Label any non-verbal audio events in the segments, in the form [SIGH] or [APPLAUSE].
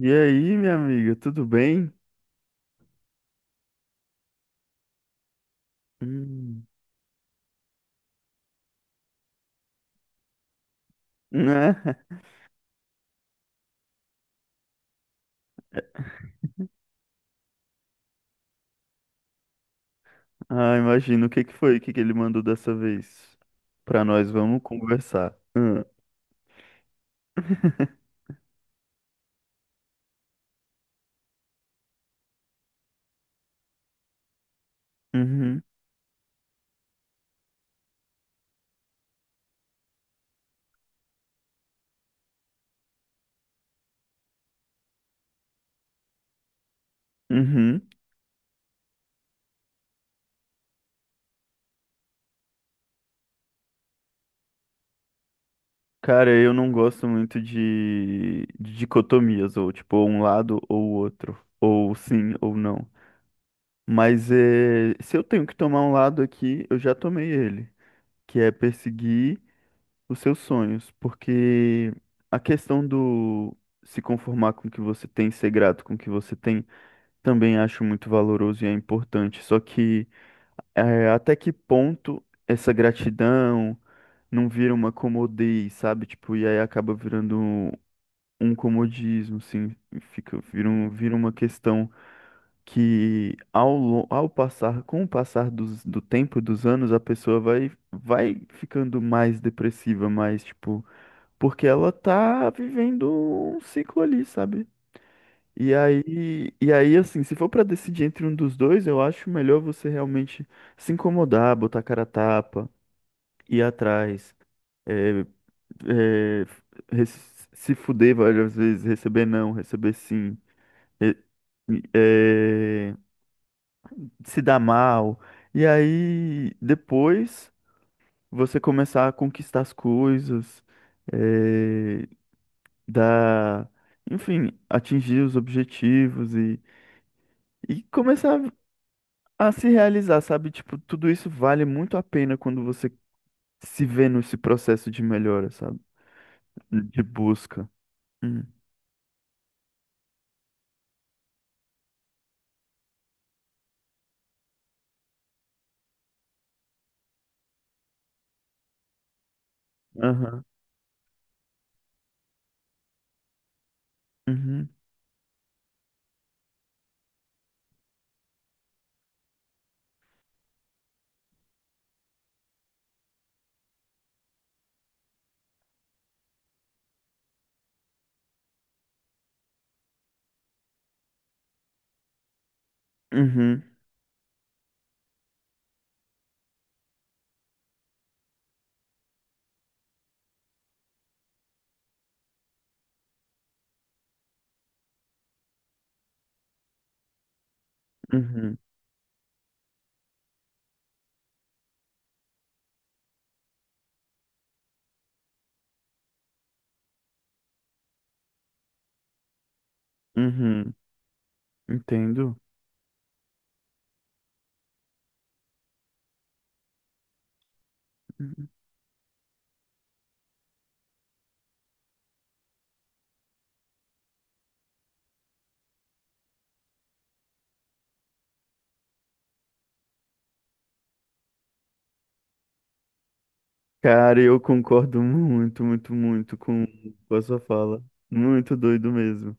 E aí, minha amiga, tudo bem? Hum. Né? Ah, imagino. O que que ele mandou dessa vez? Pra nós, vamos conversar. Hum. [LAUGHS] Uhum, uhum. Cara, eu não gosto muito de dicotomias, ou tipo, ou um lado ou o outro, ou sim ou não. Mas é, se eu tenho que tomar um lado aqui, eu já tomei ele, que é perseguir os seus sonhos, porque a questão do se conformar com o que você tem, ser grato com o que você tem, também acho muito valoroso e é importante. Só que até que ponto essa gratidão não vira uma comodez, sabe? Tipo, e aí acaba virando um comodismo, assim, fica, vira, vira uma questão que ao passar, com o passar do tempo, dos anos, a pessoa vai ficando mais depressiva, mais, tipo, porque ela tá vivendo um ciclo ali, sabe? E aí, assim, se for pra decidir entre um dos dois, eu acho melhor você realmente se incomodar, botar a cara a tapa, ir atrás, é, é, se fuder várias vezes, receber não, receber sim, é, é, se dar mal. E aí, depois, você começar a conquistar as coisas, é, da, enfim, atingir os objetivos e começar a se realizar, sabe? Tipo, tudo isso vale muito a pena quando você se vê nesse processo de melhora, sabe? De busca. Hum. Aham. Uhum. Uhum. Uhum. Uhum. Entendo. Uhum. Cara, eu concordo muito, muito, muito com a sua fala. Muito doido mesmo.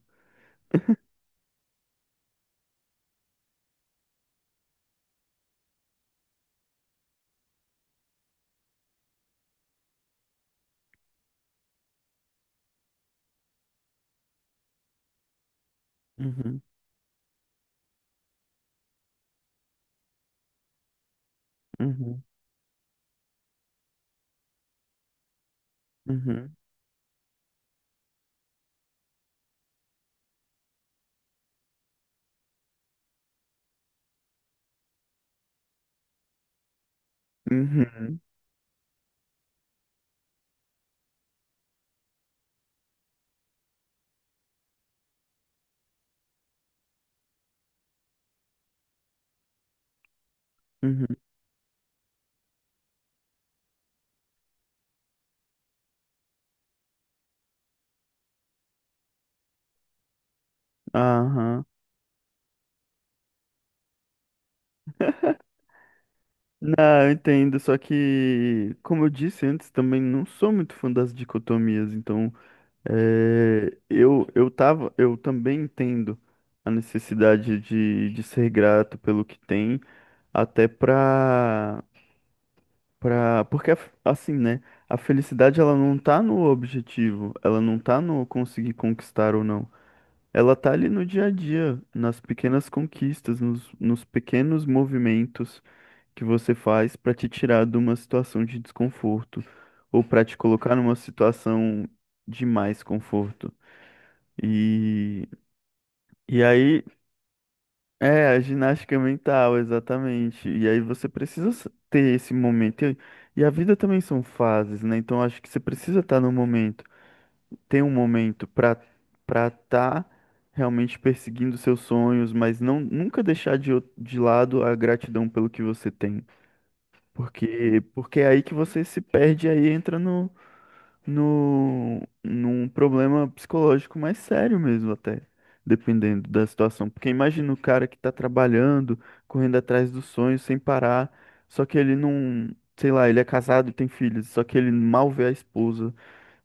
Uhum. Uhum. Uhum. Uhum. Uhum. Aham. Ah, eu entendo, só que, como eu disse antes, também não sou muito fã das dicotomias, então eu tava, eu também entendo a necessidade de ser grato pelo que tem, até pra, pra, porque assim, né, a felicidade ela não tá no objetivo, ela não tá no conseguir conquistar ou não, ela tá ali no dia a dia, nas pequenas conquistas, nos, nos pequenos movimentos, que você faz para te tirar de uma situação de desconforto ou para te colocar numa situação de mais conforto. E, e aí, é a ginástica mental, exatamente. E aí você precisa ter esse momento. E a vida também são fases, né? Então acho que você precisa estar no momento, ter um momento para estar realmente perseguindo seus sonhos, mas não nunca deixar de lado a gratidão pelo que você tem. Porque é aí que você se perde, aí entra no, num problema psicológico mais sério mesmo, até, dependendo da situação. Porque imagina o cara que tá trabalhando, correndo atrás do sonho sem parar, só que ele não, sei lá, ele é casado, e tem filhos, só que ele mal vê a esposa,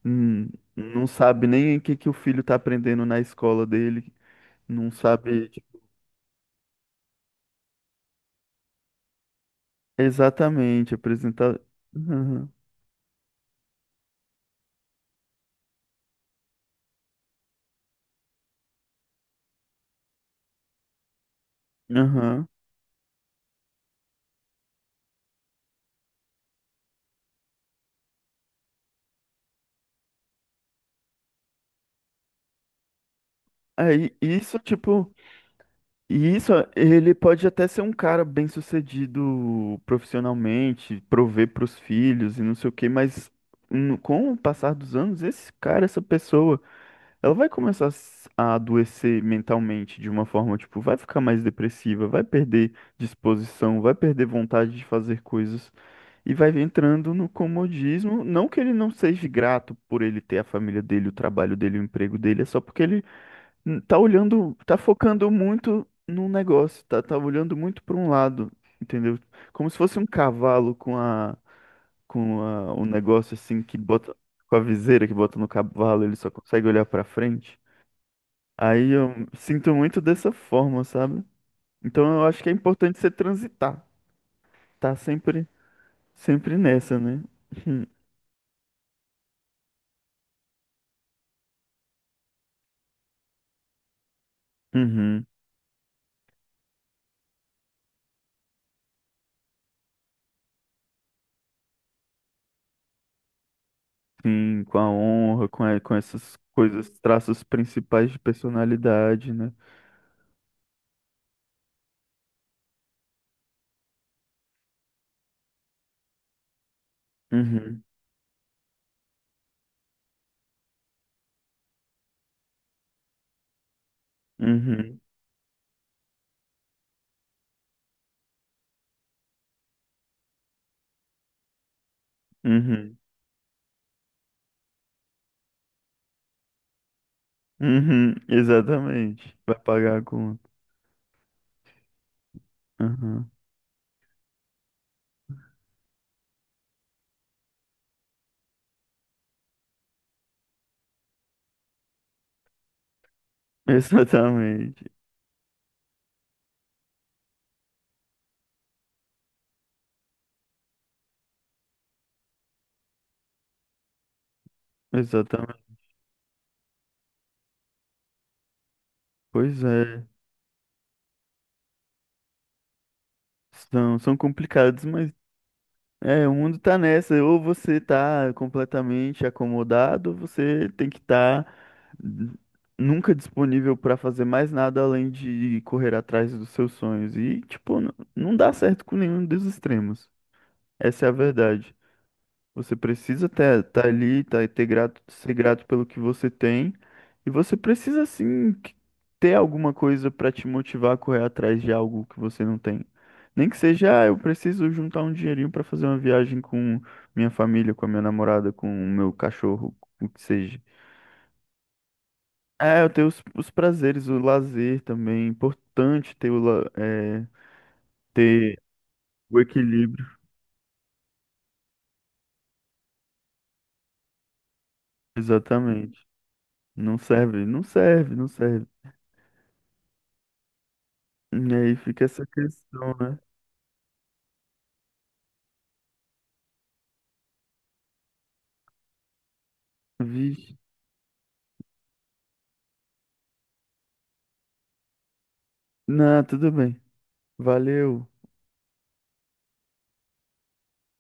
hum, não sabe nem o que que o filho tá aprendendo na escola dele, não sabe tipo, exatamente apresentar. Aham. Aham. Aí, isso, tipo. E isso, ele pode até ser um cara bem-sucedido profissionalmente, prover para os filhos e não sei o quê, mas com o passar dos anos, esse cara, essa pessoa, ela vai começar a a adoecer mentalmente de uma forma, tipo, vai ficar mais depressiva, vai perder disposição, vai perder vontade de fazer coisas e vai entrando no comodismo. Não que ele não seja grato por ele ter a família dele, o trabalho dele, o emprego dele, é só porque ele tá olhando, tá focando muito num negócio, tá, tá olhando muito para um lado, entendeu? Como se fosse um cavalo com um negócio assim que bota, com a viseira que bota no cavalo, ele só consegue olhar para frente. Aí eu sinto muito dessa forma, sabe? Então eu acho que é importante você transitar, tá sempre, sempre nessa, né? [LAUGHS] Uhum, sim, com a honra, com, com essas coisas, traços principais de personalidade, né? Uhum, uhum. Uhum. Uhum. Exatamente. Vai pagar a conta. Uhum. [LAUGHS] Exatamente. Exatamente. Pois é. São, são complicados, mas é, o mundo tá nessa. Ou você tá completamente acomodado, ou você tem que estar nunca disponível pra fazer mais nada além de correr atrás dos seus sonhos. E, tipo, não dá certo com nenhum dos extremos. Essa é a verdade. Você precisa estar tá ali, tá, ter grato, ser grato pelo que você tem. E você precisa, sim, ter alguma coisa para te motivar a correr atrás de algo que você não tem. Nem que seja, ah, eu preciso juntar um dinheirinho para fazer uma viagem com minha família, com a minha namorada, com o meu cachorro, o que seja. É, eu tenho os prazeres, o lazer também. É importante ter é, ter o equilíbrio. Exatamente. Não serve, não serve, não serve. E aí fica essa questão, né? Vixe. Não, tudo bem. Valeu.